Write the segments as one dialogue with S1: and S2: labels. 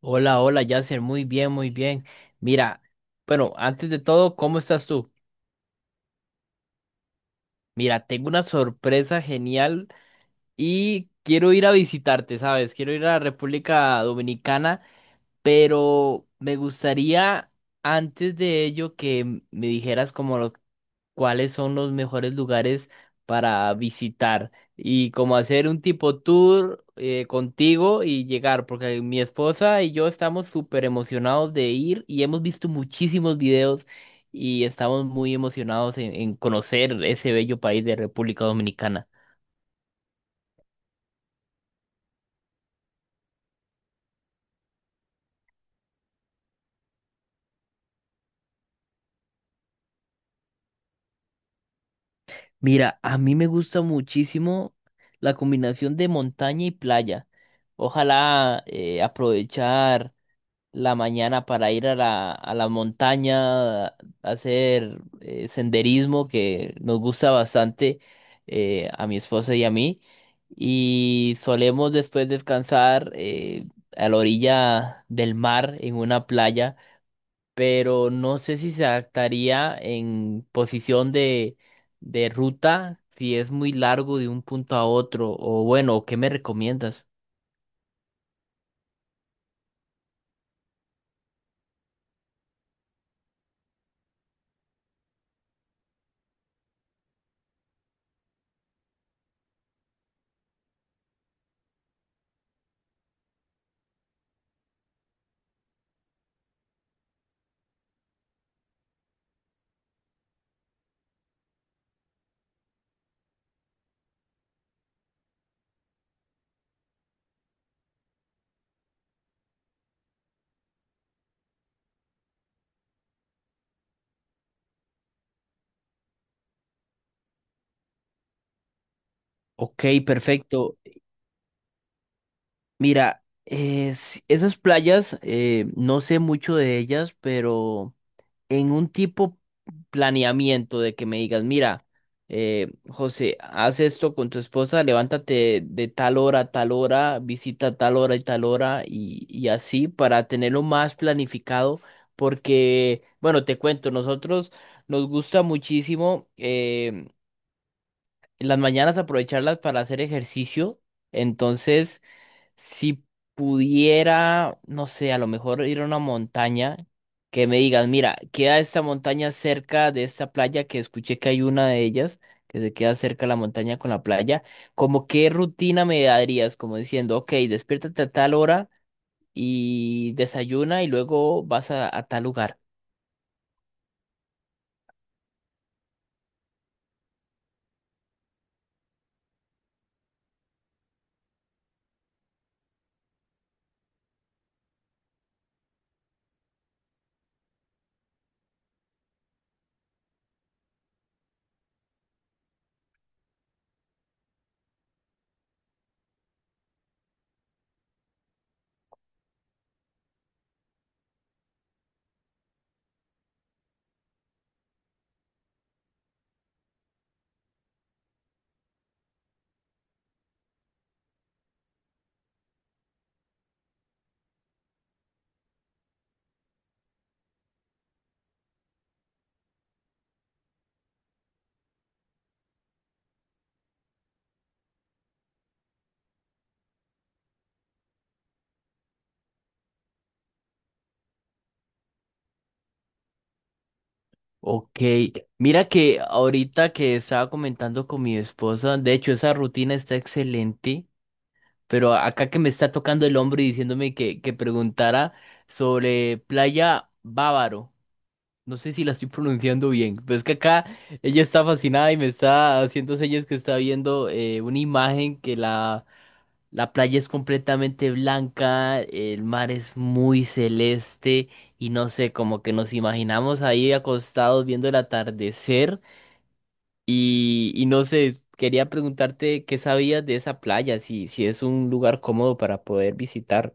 S1: Hola, hola, Yasser, muy bien, muy bien. Mira, bueno, antes de todo, ¿cómo estás tú? Mira, tengo una sorpresa genial y quiero ir a visitarte, ¿sabes? Quiero ir a la República Dominicana, pero me gustaría antes de ello que me dijeras cuáles son los mejores lugares para visitar y como hacer un tipo tour contigo y llegar, porque mi esposa y yo estamos súper emocionados de ir y hemos visto muchísimos videos y estamos muy emocionados en conocer ese bello país de República Dominicana. Mira, a mí me gusta muchísimo la combinación de montaña y playa. Ojalá aprovechar la mañana para ir a la montaña, a hacer senderismo que nos gusta bastante a mi esposa y a mí. Y solemos después descansar a la orilla del mar en una playa, pero no sé si se adaptaría en posición de ruta, si es muy largo de un punto a otro, o bueno, ¿qué me recomiendas? Ok, perfecto. Mira, esas playas, no sé mucho de ellas, pero en un tipo planeamiento de que me digas, mira, José, haz esto con tu esposa, levántate de tal hora a tal hora, visita tal hora y tal hora y así para tenerlo más planificado, porque, bueno, te cuento, nosotros nos gusta muchísimo em, las mañanas aprovecharlas para hacer ejercicio, entonces... Si pudiera, no sé, a lo mejor ir a una montaña que me digan, mira, queda esta montaña cerca de esta playa, que escuché que hay una de ellas, que se queda cerca la montaña con la playa, como qué rutina me darías, como diciendo, ok, despiértate a tal hora y desayuna y luego vas a tal lugar. Ok, mira que ahorita que estaba comentando con mi esposa, de hecho esa rutina está excelente. Pero acá que me está tocando el hombro y diciéndome que preguntara sobre Playa Bávaro. No sé si la estoy pronunciando bien, pero es que acá ella está fascinada y me está haciendo señas que está viendo una imagen que la playa es completamente blanca, el mar es muy celeste y no sé, como que nos imaginamos ahí acostados viendo el atardecer. Y no sé, quería preguntarte qué sabías de esa playa, si es un lugar cómodo para poder visitar.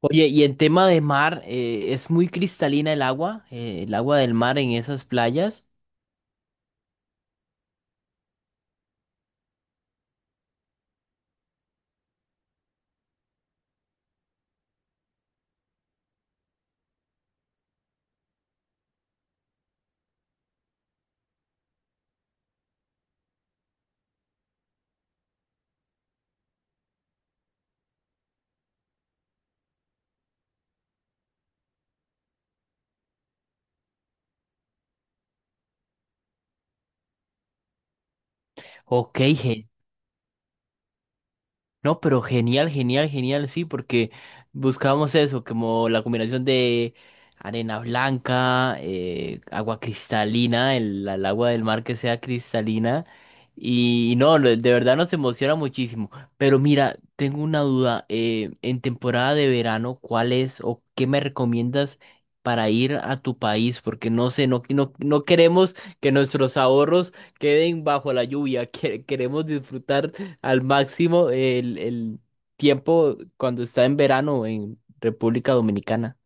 S1: Oye, y en tema de mar, ¿es muy cristalina el agua del mar en esas playas? Ok. No, pero genial, genial, genial, sí, porque buscábamos eso, como la combinación de arena blanca, agua cristalina, el agua del mar que sea cristalina, y, no, lo- de verdad nos emociona muchísimo. Pero mira, tengo una duda, en temporada de verano, ¿cuál es o qué me recomiendas para ir a tu país? Porque no sé, no, no, no queremos que nuestros ahorros queden bajo la lluvia, queremos disfrutar al máximo el tiempo cuando está en verano en República Dominicana.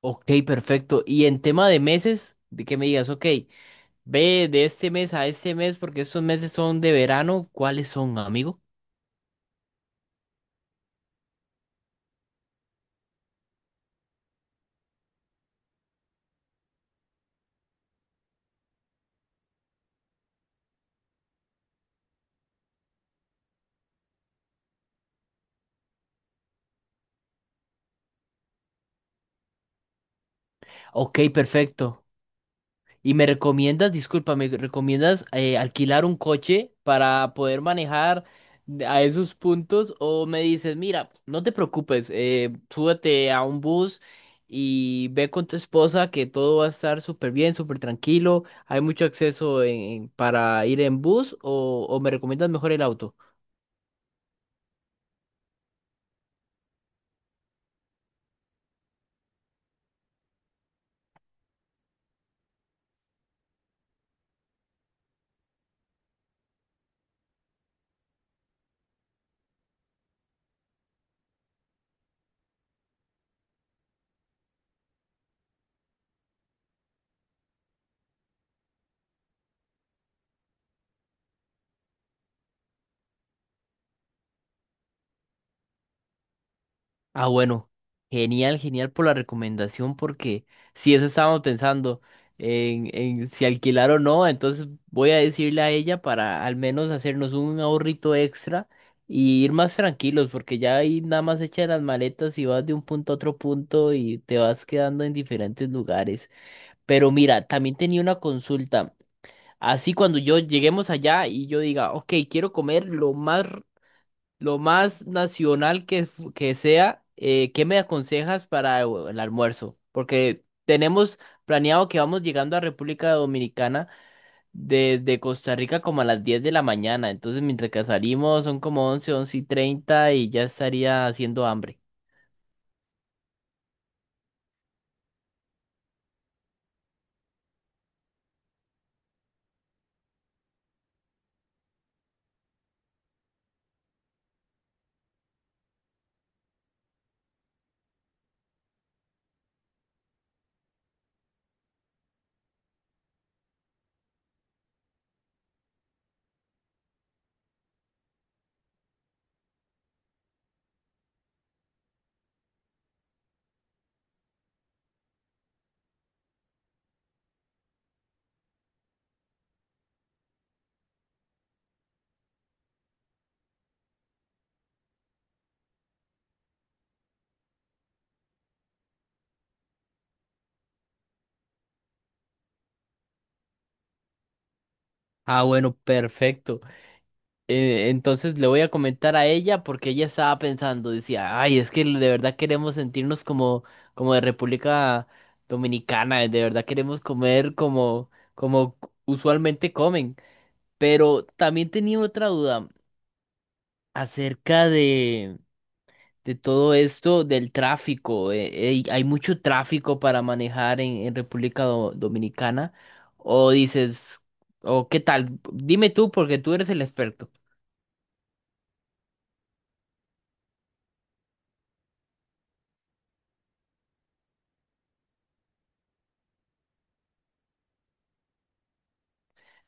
S1: Ok, perfecto. Y en tema de meses, de que me digas, ok, ve de este mes a este mes porque estos meses son de verano, ¿cuáles son, amigo? Ok, perfecto. Y me recomiendas, disculpa, me recomiendas alquilar un coche para poder manejar a esos puntos o me dices, mira, no te preocupes, súbete a un bus y ve con tu esposa que todo va a estar súper bien, súper tranquilo, hay mucho acceso para ir en bus o me recomiendas mejor el auto. Ah, bueno, genial, genial por la recomendación, porque si eso estábamos pensando en si alquilar o no, entonces voy a decirle a ella para al menos hacernos un ahorrito extra y ir más tranquilos, porque ya ahí nada más echa las maletas y vas de un punto a otro punto y te vas quedando en diferentes lugares. Pero mira, también tenía una consulta. Así cuando yo lleguemos allá y yo diga, ok, quiero comer lo más nacional que sea, ¿qué me aconsejas para el almuerzo? Porque tenemos planeado que vamos llegando a República Dominicana desde Costa Rica como a las 10 de la mañana. Entonces, mientras que salimos son como once y 30 y ya estaría haciendo hambre. Ah, bueno, perfecto. Entonces le voy a comentar a ella porque ella estaba pensando, decía, ay, es que de verdad queremos sentirnos como, como de República Dominicana, de verdad queremos comer como usualmente comen. Pero también tenía otra duda acerca de todo esto del tráfico. Ey, ¿hay mucho tráfico para manejar en República Dominicana? O dices, o qué tal, dime tú porque tú eres el experto.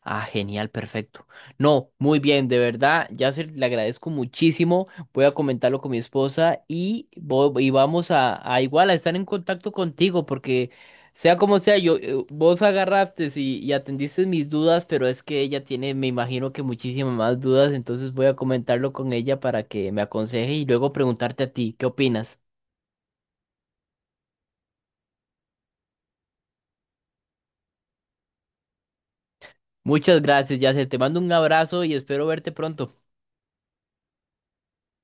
S1: Ah, genial, perfecto. No, muy bien, de verdad, Yasser, le agradezco muchísimo. Voy a comentarlo con mi esposa y, y vamos a igual a estar en contacto contigo, porque sea como sea, yo vos agarraste y atendiste mis dudas, pero es que ella tiene, me imagino que muchísimas más dudas, entonces voy a comentarlo con ella para que me aconseje y luego preguntarte a ti, ¿qué opinas? Muchas gracias, Yasser. Te mando un abrazo y espero verte pronto.